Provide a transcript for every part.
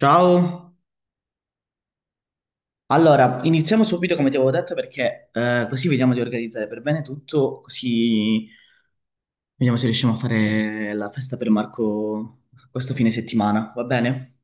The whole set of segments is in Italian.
Ciao, allora iniziamo subito come ti avevo detto perché così vediamo di organizzare per bene tutto, così vediamo se riusciamo a fare la festa per Marco questo fine settimana, va bene?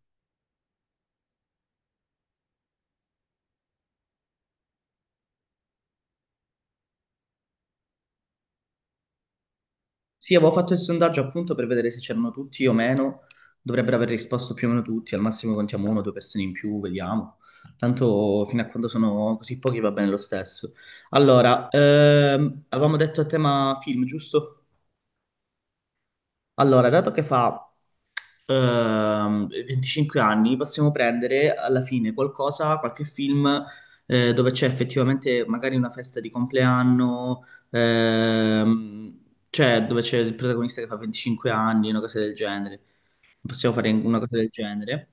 Sì, avevo fatto il sondaggio appunto per vedere se c'erano tutti o meno, dovrebbero aver risposto più o meno tutti, al massimo contiamo uno o due persone in più, vediamo. Tanto fino a quando sono così pochi va bene lo stesso. Allora, avevamo detto a tema film, giusto? Allora, dato che fa 25 anni, possiamo prendere alla fine qualcosa, qualche film dove c'è effettivamente magari una festa di compleanno, ehm, cioè dove c'è il protagonista che fa 25 anni, una cosa del genere. Possiamo fare una cosa del genere.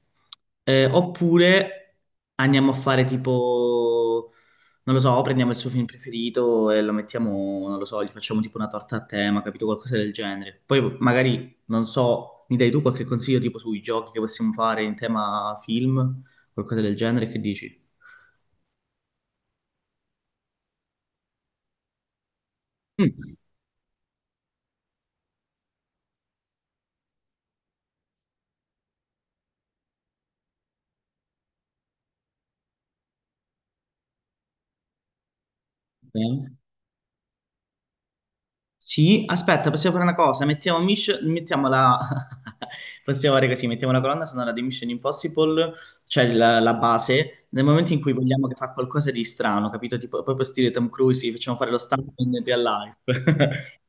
Oppure andiamo a fare tipo. Non lo so, prendiamo il suo film preferito e lo mettiamo, non lo so, gli facciamo tipo una torta a tema, capito? Qualcosa del genere. Poi magari, non so, mi dai tu qualche consiglio tipo sui giochi che possiamo fare in tema film, qualcosa del genere, che dici? Mm. Eh? Sì, aspetta, possiamo fare una cosa. Mettiamo la possiamo fare così, mettiamo la colonna sonora di Mission Impossible, cioè la base, nel momento in cui vogliamo che fa qualcosa di strano, capito? Tipo, proprio stile Tom Cruise, gli facciamo fare lo stunt in real life.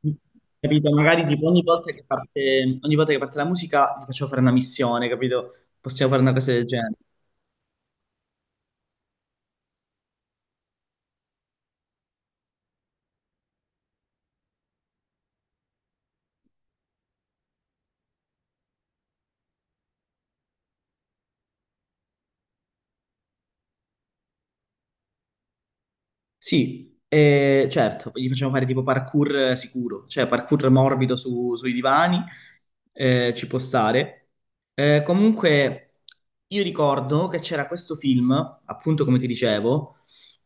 Capito? Magari tipo ogni volta che parte la musica gli facciamo fare una missione, capito? Possiamo fare una cosa del genere. Sì, certo, gli facciamo fare tipo parkour sicuro, cioè parkour morbido sui divani, ci può stare. Comunque, io ricordo che c'era questo film, appunto come ti dicevo,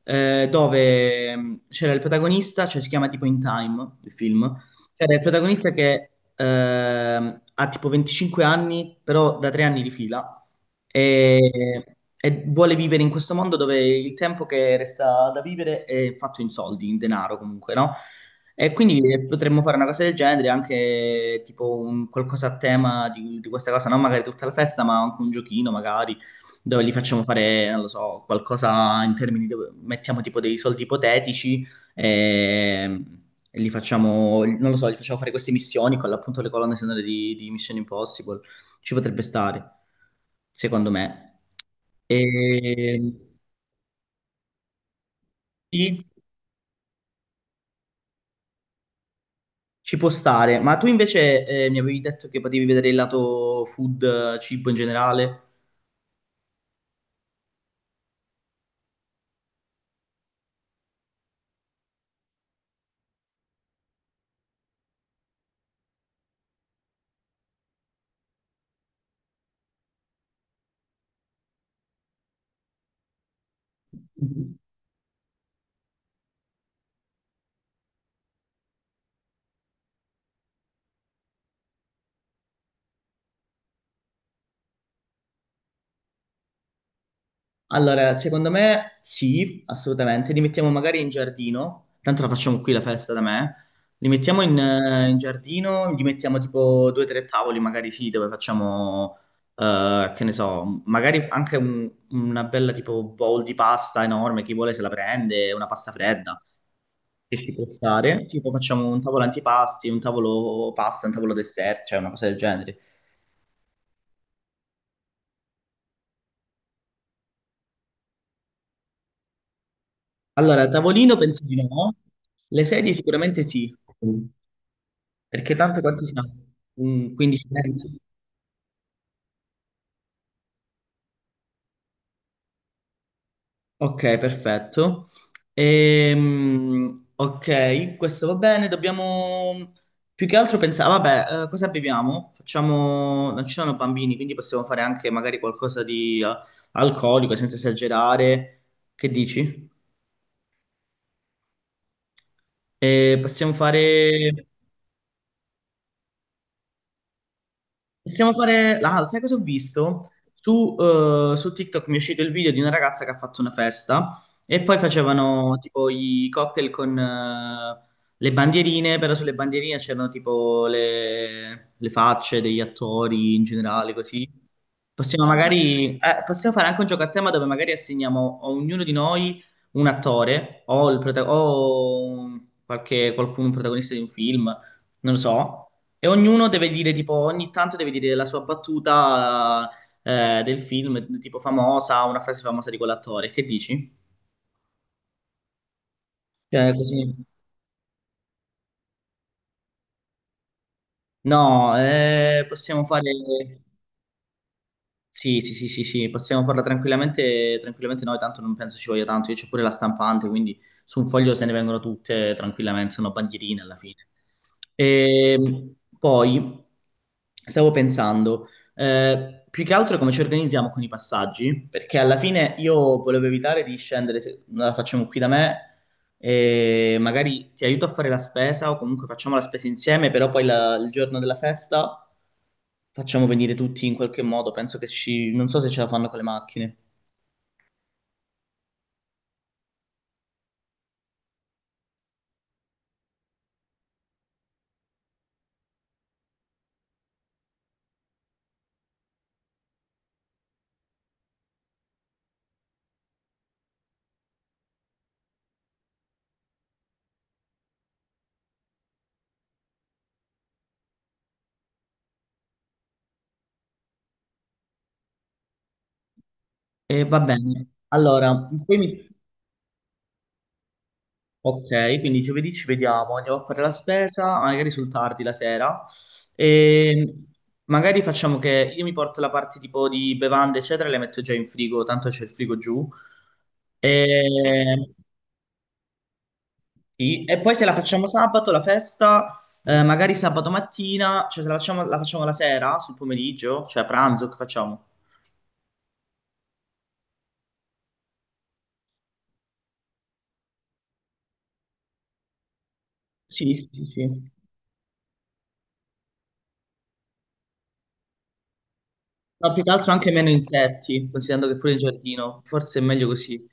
dove c'era il protagonista, cioè si chiama tipo In Time, il film, cioè, il protagonista che ha tipo 25 anni, però da 3 anni di fila, e vuole vivere in questo mondo dove il tempo che resta da vivere è fatto in soldi, in denaro comunque, no? E quindi potremmo fare una cosa del genere, anche tipo qualcosa a tema di questa cosa, non magari tutta la festa, ma anche un giochino magari, dove gli facciamo fare, non lo so, qualcosa in termini dove mettiamo tipo dei soldi ipotetici. Ehm, E li facciamo, non lo so, li facciamo fare queste missioni con appunto le colonne sonore di Mission Impossible. Ci potrebbe stare, secondo me. E sì, ci può stare. Ma tu invece mi avevi detto che potevi vedere il lato food, cibo in generale. Allora, secondo me sì, assolutamente. Li mettiamo magari in giardino, tanto la facciamo qui la festa da me. Li mettiamo in giardino, gli mettiamo tipo due o tre tavoli, magari sì, dove facciamo, che ne so, magari anche una bella tipo bowl di pasta enorme, chi vuole se la prende, una pasta fredda che ci può stare. Tipo facciamo un tavolo antipasti, un tavolo pasta, un tavolo dessert, cioè una cosa del genere. Allora, tavolino penso di no, le sedie sicuramente sì. Perché tanto quanti siamo? 15 minuti? Ok, perfetto. Ok, questo va bene. Dobbiamo più che altro pensare, vabbè, cosa beviamo? Facciamo, non ci sono bambini, quindi possiamo fare anche magari qualcosa di alcolico senza esagerare. Che dici? Possiamo fare. Possiamo fare. Ah, sai cosa ho visto? Su TikTok mi è uscito il video di una ragazza che ha fatto una festa e poi facevano tipo i cocktail con le bandierine, però sulle bandierine c'erano tipo le facce degli attori in generale, così. Possiamo fare anche un gioco a tema dove magari assegniamo a ognuno di noi un attore o un protagonista di un film, non lo so. E ognuno deve dire, tipo, ogni tanto deve dire la sua battuta del film, tipo famosa, una frase famosa di quell'attore. Che dici? Cioè, così. No, possiamo fare. Sì, sì, sì, sì, sì, possiamo farla tranquillamente noi, tanto non penso ci voglia tanto, io c'ho pure la stampante, quindi su un foglio se ne vengono tutte tranquillamente, sono bandierine alla fine. E poi stavo pensando, più che altro come ci organizziamo con i passaggi, perché alla fine io volevo evitare di scendere, se la facciamo qui da me, e magari ti aiuto a fare la spesa o comunque facciamo la spesa insieme, però poi il giorno della festa facciamo venire tutti in qualche modo, penso che ci, non so se ce la fanno con le macchine. E va bene, allora, poi ok, quindi giovedì ci vediamo, andiamo a fare la spesa, magari sul tardi la sera, e magari facciamo che io mi porto la parte tipo di bevande, eccetera, le metto già in frigo, tanto c'è il frigo giù. E... Sì, e poi se la facciamo sabato la festa, magari sabato mattina, cioè se la facciamo, la facciamo la sera, sul pomeriggio, cioè a pranzo, che facciamo? Sì, sì, sì. No, più che altro anche meno insetti, considerando che pure in giardino, forse è meglio così,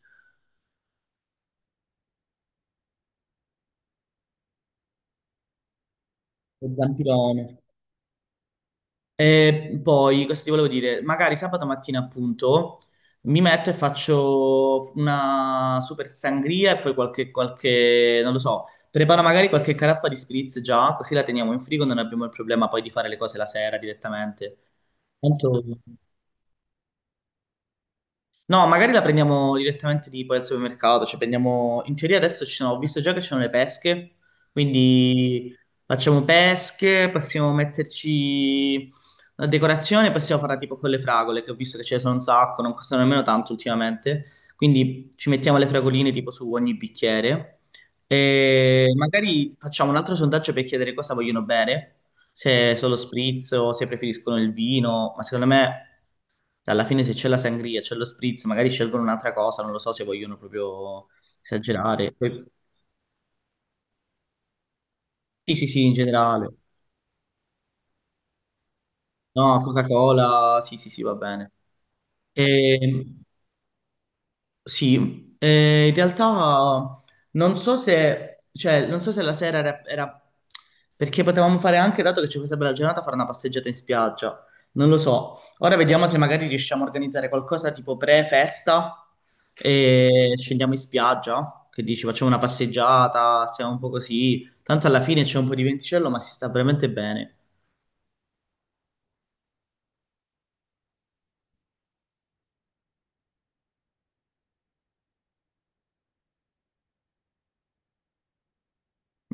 lo zampirone. E poi, cosa ti volevo dire? Magari sabato mattina, appunto, mi metto e faccio una super sangria e poi non lo so, preparo magari qualche caraffa di spritz già, così la teniamo in frigo, non abbiamo il problema poi di fare le cose la sera direttamente. Tanto... No, magari la prendiamo direttamente tipo al supermercato, cioè prendiamo, in teoria adesso ci sono, ho visto già che ci sono le pesche, quindi facciamo pesche, possiamo metterci la decorazione, possiamo farla tipo con le fragole, che ho visto che ce ne sono un sacco, non costano nemmeno tanto ultimamente, quindi ci mettiamo le fragoline tipo su ogni bicchiere e magari facciamo un altro sondaggio per chiedere cosa vogliono bere, se solo spritz o se preferiscono il vino, ma secondo me. Cioè, alla fine se c'è la sangria, c'è lo spritz, magari scelgono un'altra cosa, non lo so se vogliono proprio esagerare. Sì, sì, sì, in generale. No, Coca-Cola, sì, sì, sì, va bene. E sì, in realtà non so se, cioè, non so se la sera perché potevamo fare anche, dato che c'è questa bella giornata, fare una passeggiata in spiaggia. Non lo so. Ora vediamo se magari riusciamo a organizzare qualcosa tipo pre-festa e scendiamo in spiaggia. Che dici, facciamo una passeggiata, stiamo un po' così. Tanto alla fine c'è un po' di venticello, ma si sta veramente bene.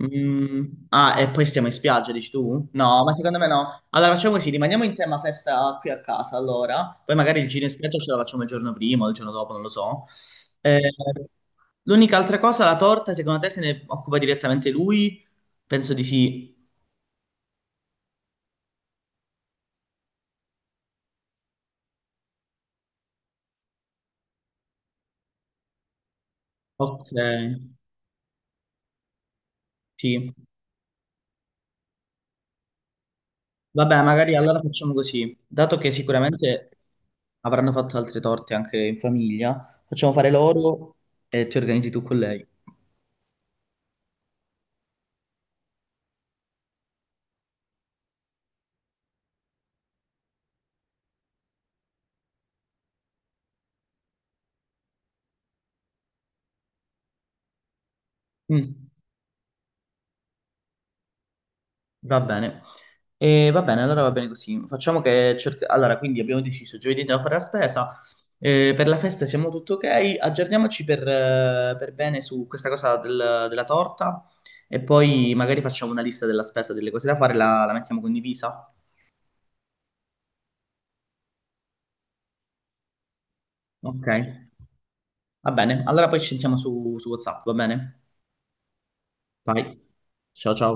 Ah, e poi stiamo in spiaggia, dici tu? No, ma secondo me no. Allora facciamo così, rimaniamo in tema festa qui a casa, allora. Poi magari il giro in spiaggia ce la facciamo il giorno prima o il giorno dopo, non lo so. Eh, l'unica altra cosa, la torta, secondo te se ne occupa direttamente lui? Penso di sì. Ok, sì. Vabbè, magari allora facciamo così. Dato che sicuramente avranno fatto altre torte anche in famiglia, facciamo fare loro e ti organizzi tu con lei. Mm, va bene. E va bene, allora va bene così. Facciamo che allora, quindi abbiamo deciso, giovedì andiamo a fare la spesa, per la festa siamo tutto ok, aggiorniamoci per bene su questa cosa della torta e poi magari facciamo una lista della spesa, delle cose da fare, la mettiamo condivisa. Ok, va bene. Allora poi ci sentiamo su, su WhatsApp, va bene? Vai. Ciao ciao.